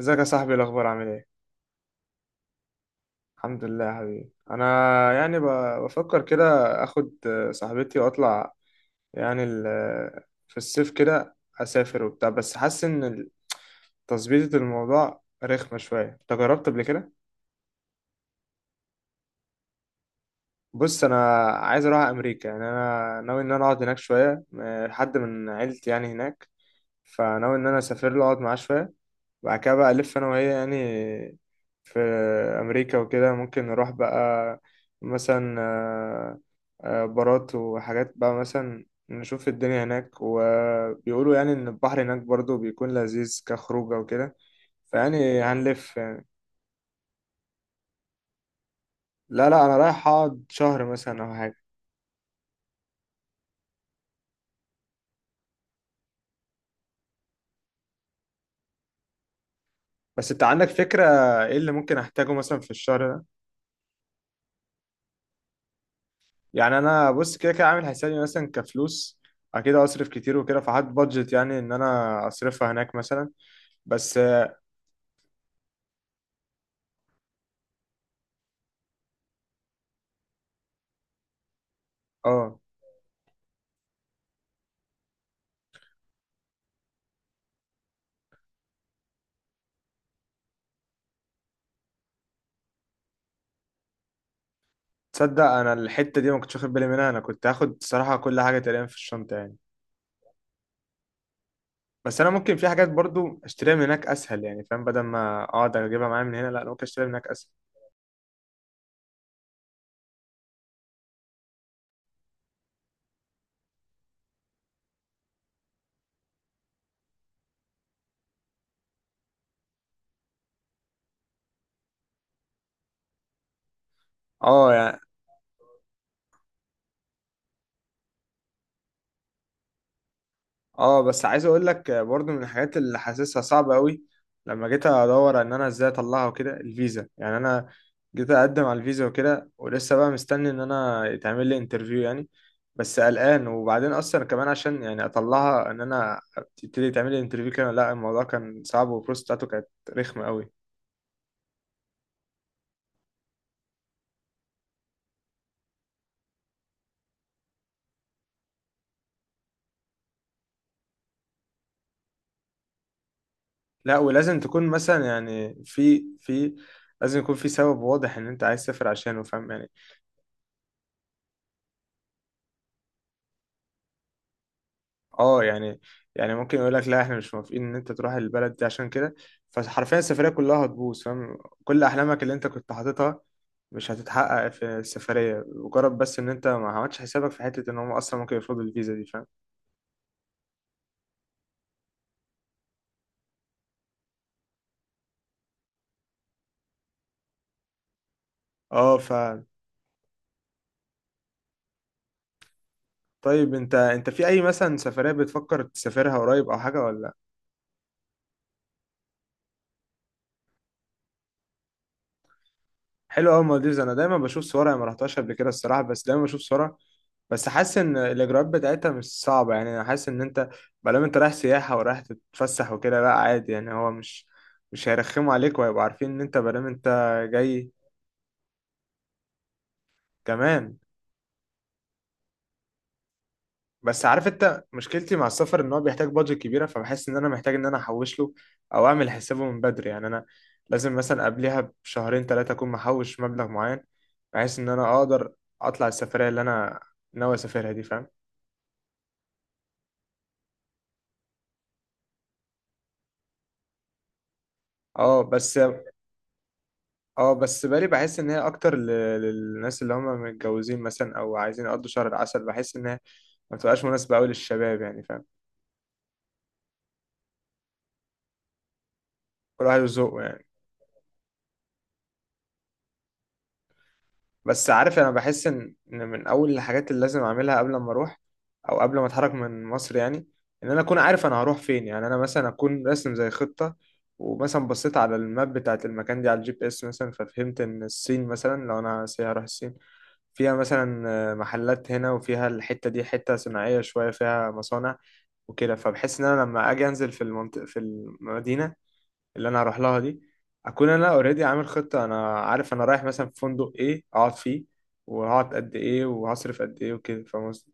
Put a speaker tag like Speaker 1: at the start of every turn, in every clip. Speaker 1: ازيك يا صاحبي؟ إيه الاخبار؟ عامل ايه؟ الحمد لله يا حبيبي. انا يعني بفكر كده اخد صاحبتي واطلع، يعني في الصيف كده اسافر وبتاع، بس حاسس ان تظبيطة الموضوع رخمة شوية. انت جربت قبل كده؟ بص، انا عايز اروح امريكا، يعني انا ناوي ان انا اقعد هناك شوية، حد من عيلتي يعني هناك، فناوي ان انا اسافر له اقعد معاه شويه وبعد كده بقى الف انا وهي يعني في امريكا وكده، ممكن نروح بقى مثلا بارات وحاجات، بقى مثلا نشوف الدنيا هناك، وبيقولوا يعني ان البحر هناك برضو بيكون لذيذ كخروجه وكده، فيعني هنلف يعني. لا لا، انا رايح اقعد شهر مثلا او حاجه. بس انت عندك فكره ايه اللي ممكن احتاجه مثلا في الشهر ده؟ يعني انا بص، كده كده عامل حسابي مثلا كفلوس، اكيد اصرف كتير وكده، فحط بادجت يعني ان انا اصرفها هناك مثلا، بس اه. تصدق انا الحته دي ما كنتش واخد بالي منها، انا كنت هاخد صراحه كل حاجه تقريبا في الشنطه يعني. بس انا ممكن في حاجات برضو اشتريها من هناك اسهل يعني، فاهم؟ بدل ما اقعد اجيبها معايا من هنا، لا انا ممكن اشتريها من هناك اسهل. اه اه. بس عايز اقول لك برضو من الحاجات اللي حاسسها صعبة قوي، لما جيت ادور ان انا ازاي اطلعها وكده، الفيزا يعني. انا جيت اقدم على الفيزا وكده ولسه بقى مستني ان انا يتعمل لي انترفيو يعني، بس قلقان. وبعدين اصلا كمان عشان يعني اطلعها ان انا تبتدي تعمل لي انترفيو كده، لا الموضوع كان صعب والبروسس بتاعته كانت رخمة قوي. لا، ولازم تكون مثلا يعني في في لازم يكون في سبب واضح ان انت عايز تسافر عشانه، فاهم يعني. اه، يعني ممكن يقول لك لا احنا مش موافقين ان انت تروح البلد دي عشان كده، فحرفيا السفريه كلها هتبوظ، فاهم؟ كل احلامك اللي انت كنت حاططها مش هتتحقق في السفريه، مجرد بس ان انت ما عملتش حسابك في حته ان هم اصلا ممكن يفرضوا الفيزا دي، فاهم؟ اه ف طيب، انت في اي مثلا سفريه بتفكر تسافرها قريب او حاجه ولا؟ حلو قوي المالديفز، انا دايما بشوف صورها، أنا ما رحتهاش قبل كده الصراحه، بس دايما بشوف صورها. بس حاسس ان الاجراءات بتاعتها مش صعبه، يعني انا حاسس ان انت بلام انت رايح سياحه ورايح تتفسح وكده، لا عادي يعني، هو مش هيرخموا عليك وهيبقوا عارفين ان انت بلام انت جاي كمان. بس عارف انت مشكلتي مع السفر، ان هو بيحتاج بادجت كبيره، فبحس ان انا محتاج ان انا احوش له او اعمل حسابه من بدري، يعني انا لازم مثلا قبلها بشهرين ثلاثه اكون محوش مبلغ معين، بحيث ان انا اقدر اطلع السفريه اللي انا ناوي اسافرها دي، فاهم؟ اه بس. بالي بحس ان هي اكتر للناس اللي هم متجوزين مثلا او عايزين يقضوا شهر العسل، بحس ان هي ما بتبقاش مناسبة قوي للشباب يعني، فاهم؟ كل واحد وذوقه يعني. بس عارف، انا بحس ان من اول الحاجات اللي لازم اعملها قبل ما اروح او قبل ما اتحرك من مصر يعني، ان انا اكون عارف انا هروح فين، يعني انا مثلا اكون راسم زي خطة، ومثلا بصيت على الماب بتاعت المكان دي على الجي بي اس مثلا، ففهمت ان الصين مثلا، لو انا سي هروح الصين، فيها مثلا محلات هنا، وفيها الحتة دي حتة صناعية شوية فيها مصانع وكده، فبحس ان انا لما اجي انزل في المنطقة في المدينة اللي انا هروح لها دي، اكون انا اوريدي عامل خطة، انا عارف انا رايح مثلا في فندق ايه اقعد فيه، وهقعد قد ايه وهصرف قد ايه وكده، فاهم قصدي؟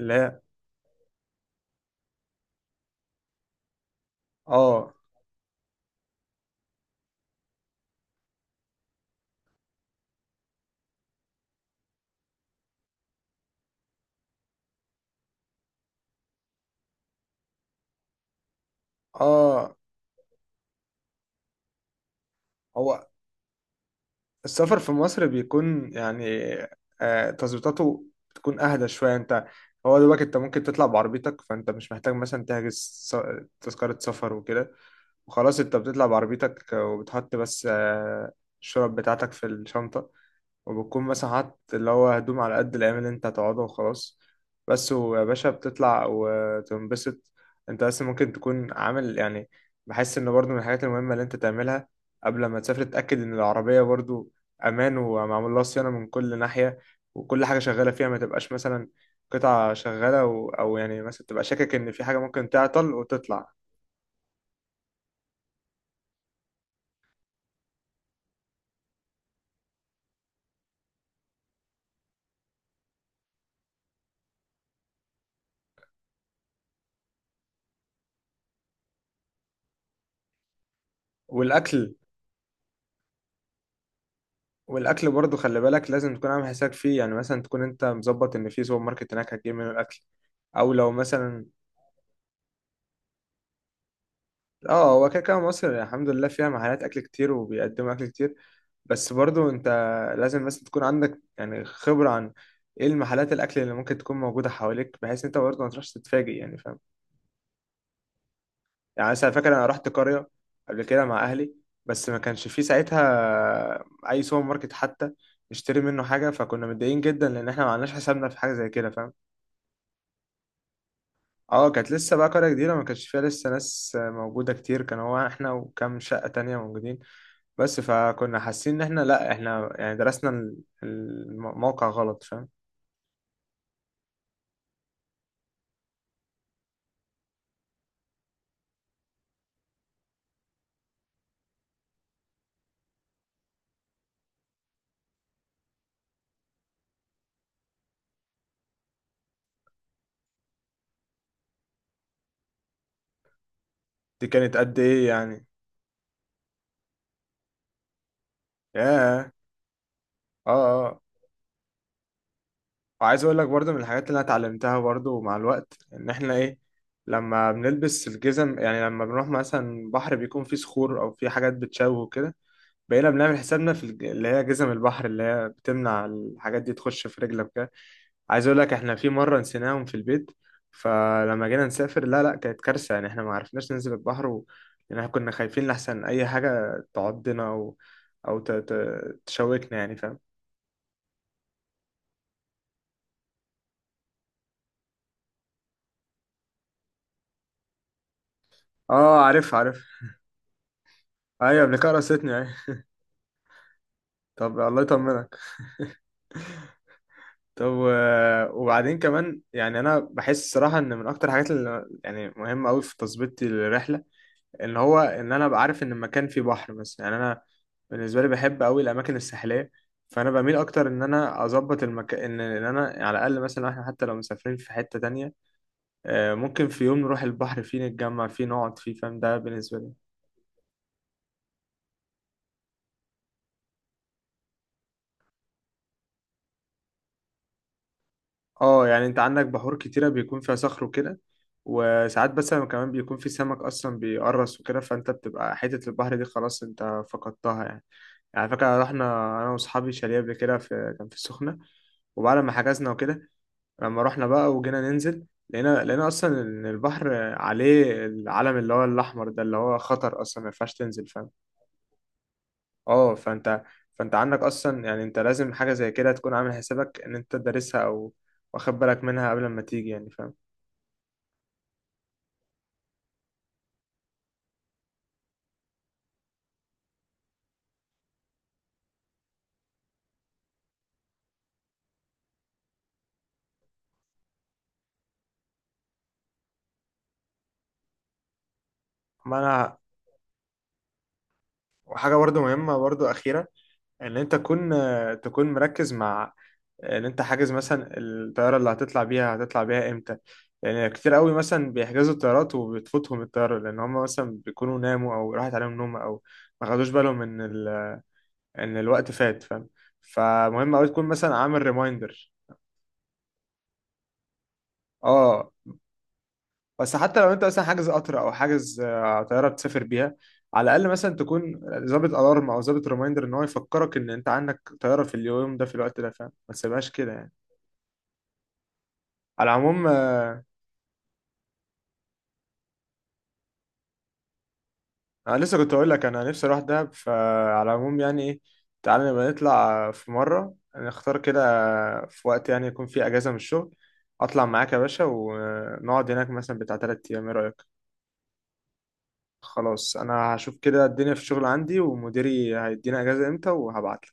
Speaker 1: اللي هي اه اه هو السفر في مصر بيكون يعني تظبيطاته بتكون اهدى شويه. انت، هو دلوقتي انت ممكن تطلع بعربيتك، فانت مش محتاج مثلا تحجز س- تذكره سفر وكده، وخلاص انت بتطلع بعربيتك، وبتحط بس الشنط بتاعتك في الشنطه، وبتكون مثلا حاطط اللي هو هدوم على قد الأيام اللي أنت هتقعدها وخلاص، بس ويا باشا بتطلع وتنبسط. أنت بس ممكن تكون عامل يعني، بحس إن برضو من الحاجات المهمة اللي أنت تعملها قبل ما تسافر، تتأكد إن العربية برضو أمان ومعمول لها صيانة من كل ناحية، وكل حاجة شغالة فيها، ما تبقاش مثلا قطعة شغالة، أو يعني مثلا تبقى شاكك إن في حاجة ممكن تعطل وتطلع. والأكل. والاكل برضو خلي بالك لازم تكون عامل حسابك فيه، يعني مثلا تكون انت مظبط ان في سوبر ماركت هناك هتجيب منه الاكل، او لو مثلا. اه، هو كده كده مصر الحمد لله فيها محلات اكل كتير وبيقدموا اكل كتير، بس برضو انت لازم بس تكون عندك يعني خبرة عن ايه المحلات الاكل اللي ممكن تكون موجودة حواليك، بحيث انت برضو ما تروحش تتفاجئ يعني، فاهم؟ يعني مثلا فاكر انا رحت قرية قبل كده مع اهلي، بس ما كانش في ساعتها اي سوبر ماركت حتى نشتري منه حاجة، فكنا متضايقين جدا لان احنا ما عملناش حسابنا في حاجة زي كده، فاهم؟ اه، كانت لسه بقى قرية جديدة، ما كانش فيها لسه ناس موجودة كتير، كان هو احنا وكام شقة تانية موجودين بس، فكنا حاسين ان احنا لا احنا يعني درسنا الموقع غلط، فاهم؟ دي كانت قد ايه يعني؟ ياه. اه اه. وعايز اقول لك برضو من الحاجات اللي انا اتعلمتها برضو مع الوقت، ان احنا ايه، لما بنلبس الجزم، يعني لما بنروح مثلا بحر بيكون فيه صخور او فيه حاجات بتشوه كده، بقينا بنعمل حسابنا في اللي هي جزم البحر اللي هي بتمنع الحاجات دي تخش في رجلك. عايز اقول لك احنا في مره نسيناهم في البيت، فلما جينا نسافر لا لا كانت كارثه يعني، احنا ما عرفناش ننزل البحر يعني احنا كنا خايفين لحسن اي حاجه تعضنا او او ت... ت... تشوكنا يعني، فاهم؟ اه، عارف عارف. ايوه قبل كده رستني، ايوه. طب الله يطمنك. طب وبعدين كمان يعني انا بحس الصراحه ان من اكتر الحاجات اللي يعني مهمه قوي في تظبيط الرحله، ان هو ان انا ابقى عارف ان المكان فيه بحر مثلا، يعني انا بالنسبه لي بحب قوي الاماكن الساحليه، فانا بميل اكتر ان انا اظبط المكان ان انا على الاقل مثلا احنا حتى لو مسافرين في حته تانية ممكن في يوم نروح البحر فيه، نتجمع فيه، نقعد فيه، فاهم؟ ده بالنسبه لي. اه يعني، انت عندك بحور كتيره بيكون فيها صخر وكده، وساعات بس لما كمان بيكون في سمك اصلا بيقرص وكده، فانت بتبقى حته البحر دي خلاص انت فقدتها يعني. يعني على فكره رحنا انا واصحابي شاليه قبل كده في، كان في السخنه، وبعد ما حجزنا وكده، لما رحنا بقى وجينا ننزل لقينا اصلا ان البحر عليه العلم اللي هو الاحمر ده، اللي هو خطر اصلا ما ينفعش تنزل، فاهم؟ اه، فانت، فانت عندك اصلا يعني انت لازم حاجه زي كده تكون عامل حسابك ان انت دارسها او واخد بالك منها قبل ما تيجي، يعني فاهم؟ ما انا، وحاجه برضو مهمه برضو اخيره، ان انت تكون، تكون مركز مع ان انت حاجز مثلا الطياره اللي هتطلع بيها هتطلع بيها امتى، لان كتير قوي مثلا بيحجزوا الطيارات وبتفوتهم الطياره، لان هم مثلا بيكونوا ناموا او راحت عليهم نوم، او ما خدوش بالهم ان الوقت فات، فاهم؟ فمهم قوي تكون مثلا عامل ريمايندر. اه بس حتى لو انت مثلا حاجز قطر او حاجز طياره بتسافر بيها، على الاقل مثلا تكون ظابط الارم او ظابط ريمايندر ان هو يفكرك ان انت عندك طياره في اليوم ده في الوقت ده، فاهم؟ ما تسيبهاش كده يعني. على العموم انا لسه كنت اقول لك انا نفسي اروح دهب، فعلى العموم يعني ايه، تعالى نبقى نطلع في مره، نختار كده في وقت يعني يكون فيه اجازه من الشغل، اطلع معاك يا باشا ونقعد هناك مثلا بتاع 3 ايام، ايه رايك؟ خلاص، انا هشوف كده الدنيا في الشغل عندي ومديري هيدينا اجازه امتى وهبعت.